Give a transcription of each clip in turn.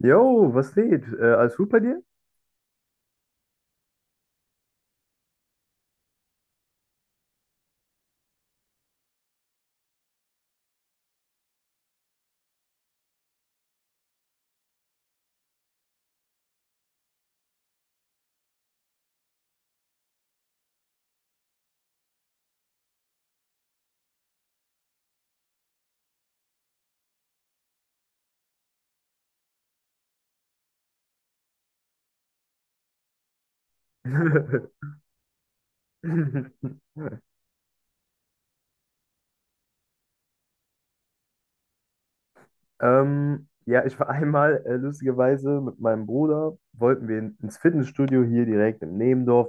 Jo, was geht? Alles gut bei dir? Ja, ich war einmal lustigerweise mit meinem Bruder, wollten wir ins Fitnessstudio hier direkt im Nebendorf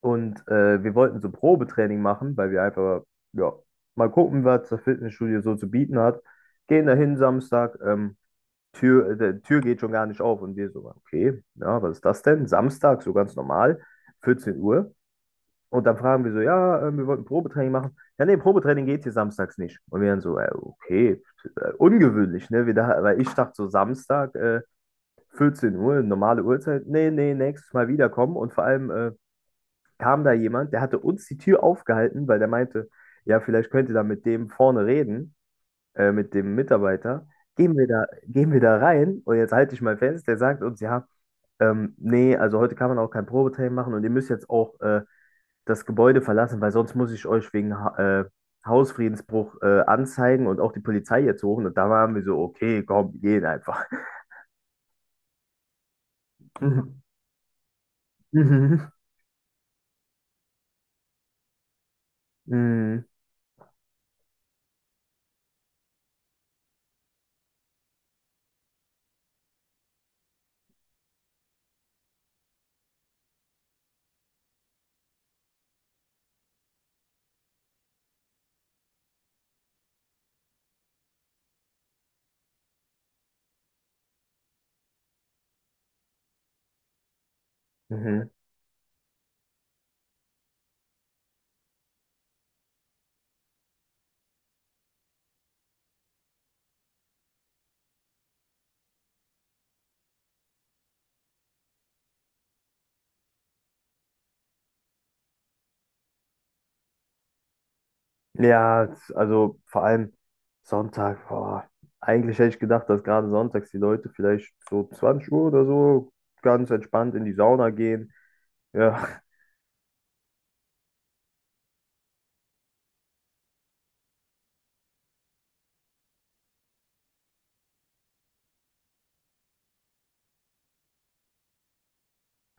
und wir wollten so Probetraining machen, weil wir einfach, ja, mal gucken, was das Fitnessstudio so zu bieten hat. Gehen dahin Samstag, der Tür geht schon gar nicht auf und wir so, okay, ja, was ist das denn? Samstag, so ganz normal, 14 Uhr. Und dann fragen wir so, ja, wir wollten Probetraining machen. Ja, nee, Probetraining geht hier samstags nicht. Und wir dann so, okay, ungewöhnlich, ne? Wir da, weil ich dachte so Samstag, 14 Uhr, normale Uhrzeit. Nee, nee, nächstes Mal wiederkommen. Und vor allem kam da jemand, der hatte uns die Tür aufgehalten, weil der meinte, ja, vielleicht könnt ihr da mit dem vorne reden, mit dem Mitarbeiter. Gehen wir da rein und jetzt halte ich mal fest, der sagt uns, ja, nee, also heute kann man auch kein Probetraining machen und ihr müsst jetzt auch das Gebäude verlassen, weil sonst muss ich euch wegen ha Hausfriedensbruch anzeigen und auch die Polizei jetzt suchen. Und da waren wir so, okay, komm, wir gehen einfach. Mhm. Mhm. Mhm. Mhm. Ja, also vor allem Sonntag, boah. Eigentlich hätte ich gedacht, dass gerade sonntags die Leute vielleicht so 20 Uhr oder so ganz entspannt in die Sauna gehen. Ja,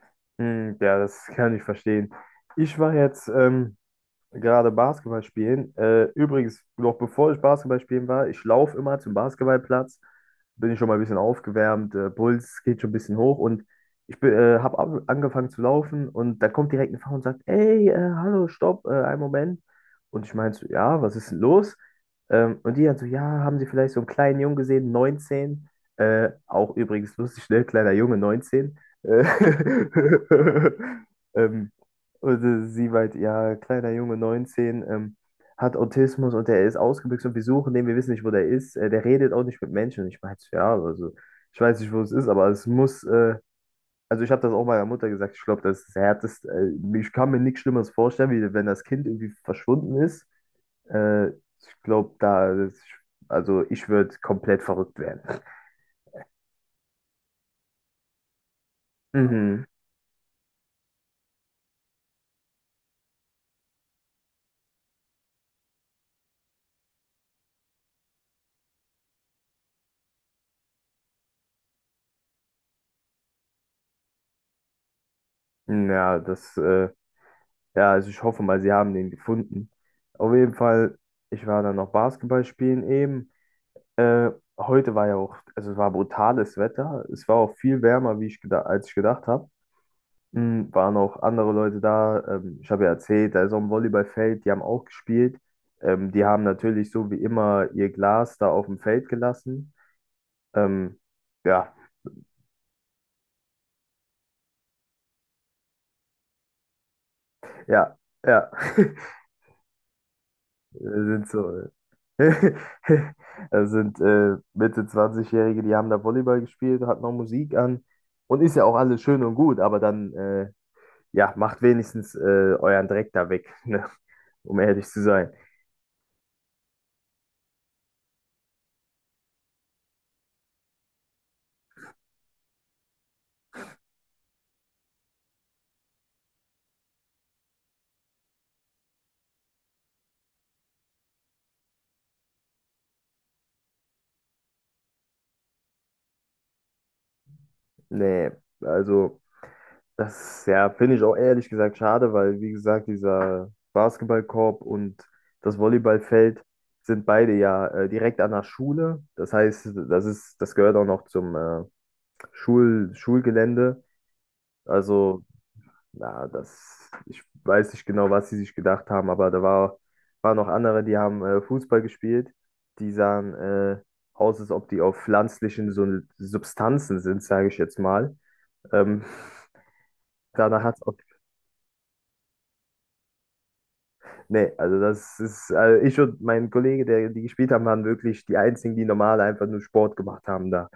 mhm. Ja, das kann ich verstehen. Ich war jetzt gerade Basketball spielen. Übrigens, noch bevor ich Basketball spielen war, ich laufe immer zum Basketballplatz, bin ich schon mal ein bisschen aufgewärmt, Puls geht schon ein bisschen hoch und habe angefangen zu laufen und da kommt direkt eine Frau und sagt, ey, hallo, stopp, einen Moment. Und ich meinte so, ja, was ist denn los? Und die dann so, ja, haben Sie vielleicht so einen kleinen Jungen gesehen, 19? Auch übrigens lustig, ne? Kleiner Junge, 19. Äh, ähm, und sie meinte, ja, kleiner Junge, 19 hat Autismus und der ist ausgebüxt und wir suchen den, wir wissen nicht, wo der ist. Der redet auch nicht mit Menschen. Und ich meinte, so, ja, also ich weiß nicht, wo es ist, aber es muss, also ich habe das auch meiner Mutter gesagt, ich glaube, das ist das Härteste. Ich kann mir nichts Schlimmeres vorstellen, wie wenn das Kind irgendwie verschwunden ist. Ich glaube, da, also ich würde komplett verrückt werden. Mhm. Ja, das. Ja, also ich hoffe mal, sie haben den gefunden. Auf jeden Fall, ich war dann noch Basketball spielen eben. Äh, heute war ja auch, also es war brutales Wetter. Es war auch viel wärmer, wie ich gedacht, als ich gedacht habe. Mm, waren auch andere Leute da. Ich habe ja erzählt, da ist auch ein Volleyballfeld, die haben auch gespielt. Die haben natürlich so wie immer ihr Glas da auf dem Feld gelassen. Ähm, ja, ja, ja. Sind so. Das sind Mitte 20-Jährige, die haben da Volleyball gespielt, hat noch Musik an und ist ja auch alles schön und gut, aber dann ja, macht wenigstens euren Dreck da weg, ne? Um ehrlich zu sein. Nee, also das ja, finde ich auch ehrlich gesagt schade, weil wie gesagt, dieser Basketballkorb und das Volleyballfeld sind beide ja direkt an der Schule. Das heißt, das ist, das gehört auch noch zum Schulgelände. Also na, das, ich weiß nicht genau, was sie sich gedacht haben, aber da war, waren noch andere, die haben Fußball gespielt. Die sahen aus, als ob die auf pflanzlichen so Substanzen sind, sage ich jetzt mal. Ähm, Danach hat's auch. Nee, also das ist, also ich und mein Kollege, der die gespielt haben, waren wirklich die einzigen, die normal einfach nur Sport gemacht haben da.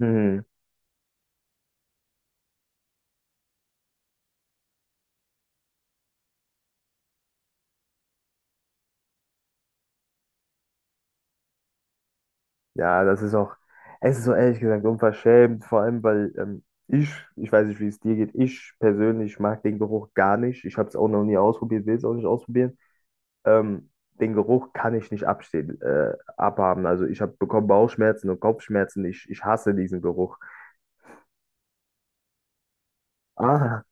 Mhm. Ja, das ist auch, es ist so ehrlich gesagt unverschämt, vor allem weil ich, ich weiß nicht, wie es dir geht, ich persönlich mag den Geruch gar nicht. Ich habe es auch noch nie ausprobiert, will es auch nicht ausprobieren. Ähm, Den Geruch kann ich nicht abstehen, abhaben. Also ich habe bekommen Bauchschmerzen und Kopfschmerzen. Ich hasse diesen Geruch. Ah,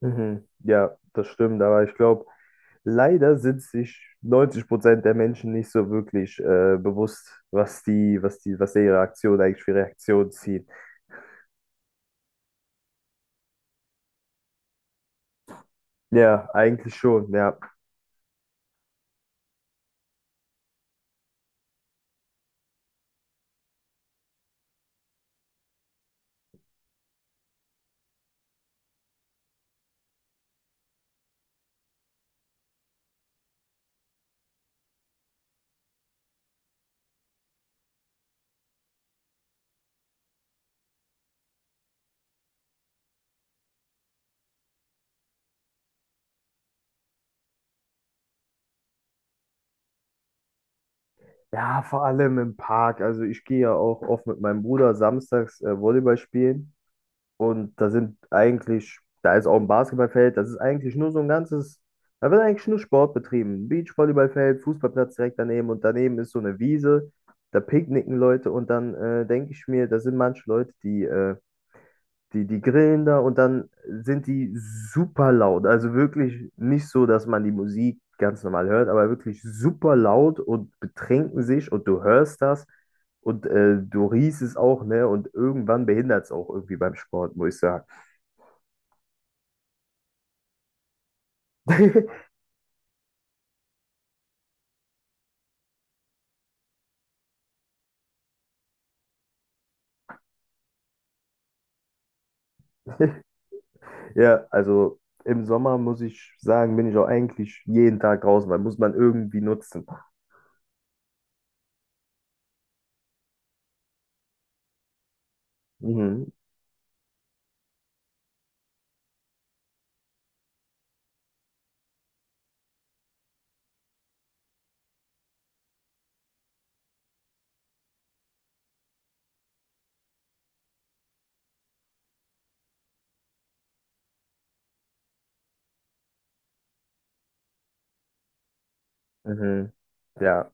mhm. Ja, das stimmt, aber ich glaube, leider sind sich 90% der Menschen nicht so wirklich bewusst, was ihre Aktion eigentlich für Reaktionen zieht. Ja, eigentlich schon, ja. Ja, vor allem im Park. Also ich gehe ja auch oft mit meinem Bruder samstags Volleyball spielen. Und da sind eigentlich, da ist auch ein Basketballfeld, das ist eigentlich nur so ein ganzes, da wird eigentlich nur Sport betrieben. Beachvolleyballfeld, Fußballplatz direkt daneben und daneben ist so eine Wiese, da picknicken Leute und dann denke ich mir, da sind manche Leute, die grillen da und dann sind die super laut. Also wirklich nicht so, dass man die Musik ganz normal hört, aber wirklich super laut und betrinken sich und du hörst das und du riechst es auch, ne? Und irgendwann behindert es auch irgendwie beim Sport, muss ich sagen. Ja, also im Sommer muss ich sagen, bin ich auch eigentlich jeden Tag draußen, weil muss man irgendwie nutzen. Mhm, mhm, ja.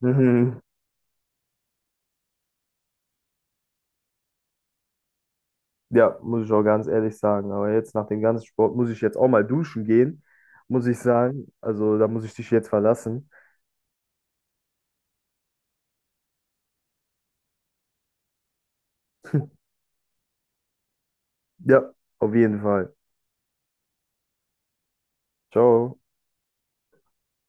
Mhm. Ja, muss ich auch ganz ehrlich sagen. Aber jetzt nach dem ganzen Sport muss ich jetzt auch mal duschen gehen, muss ich sagen. Also da muss ich dich jetzt verlassen. Ja, auf jeden Fall. Ciao.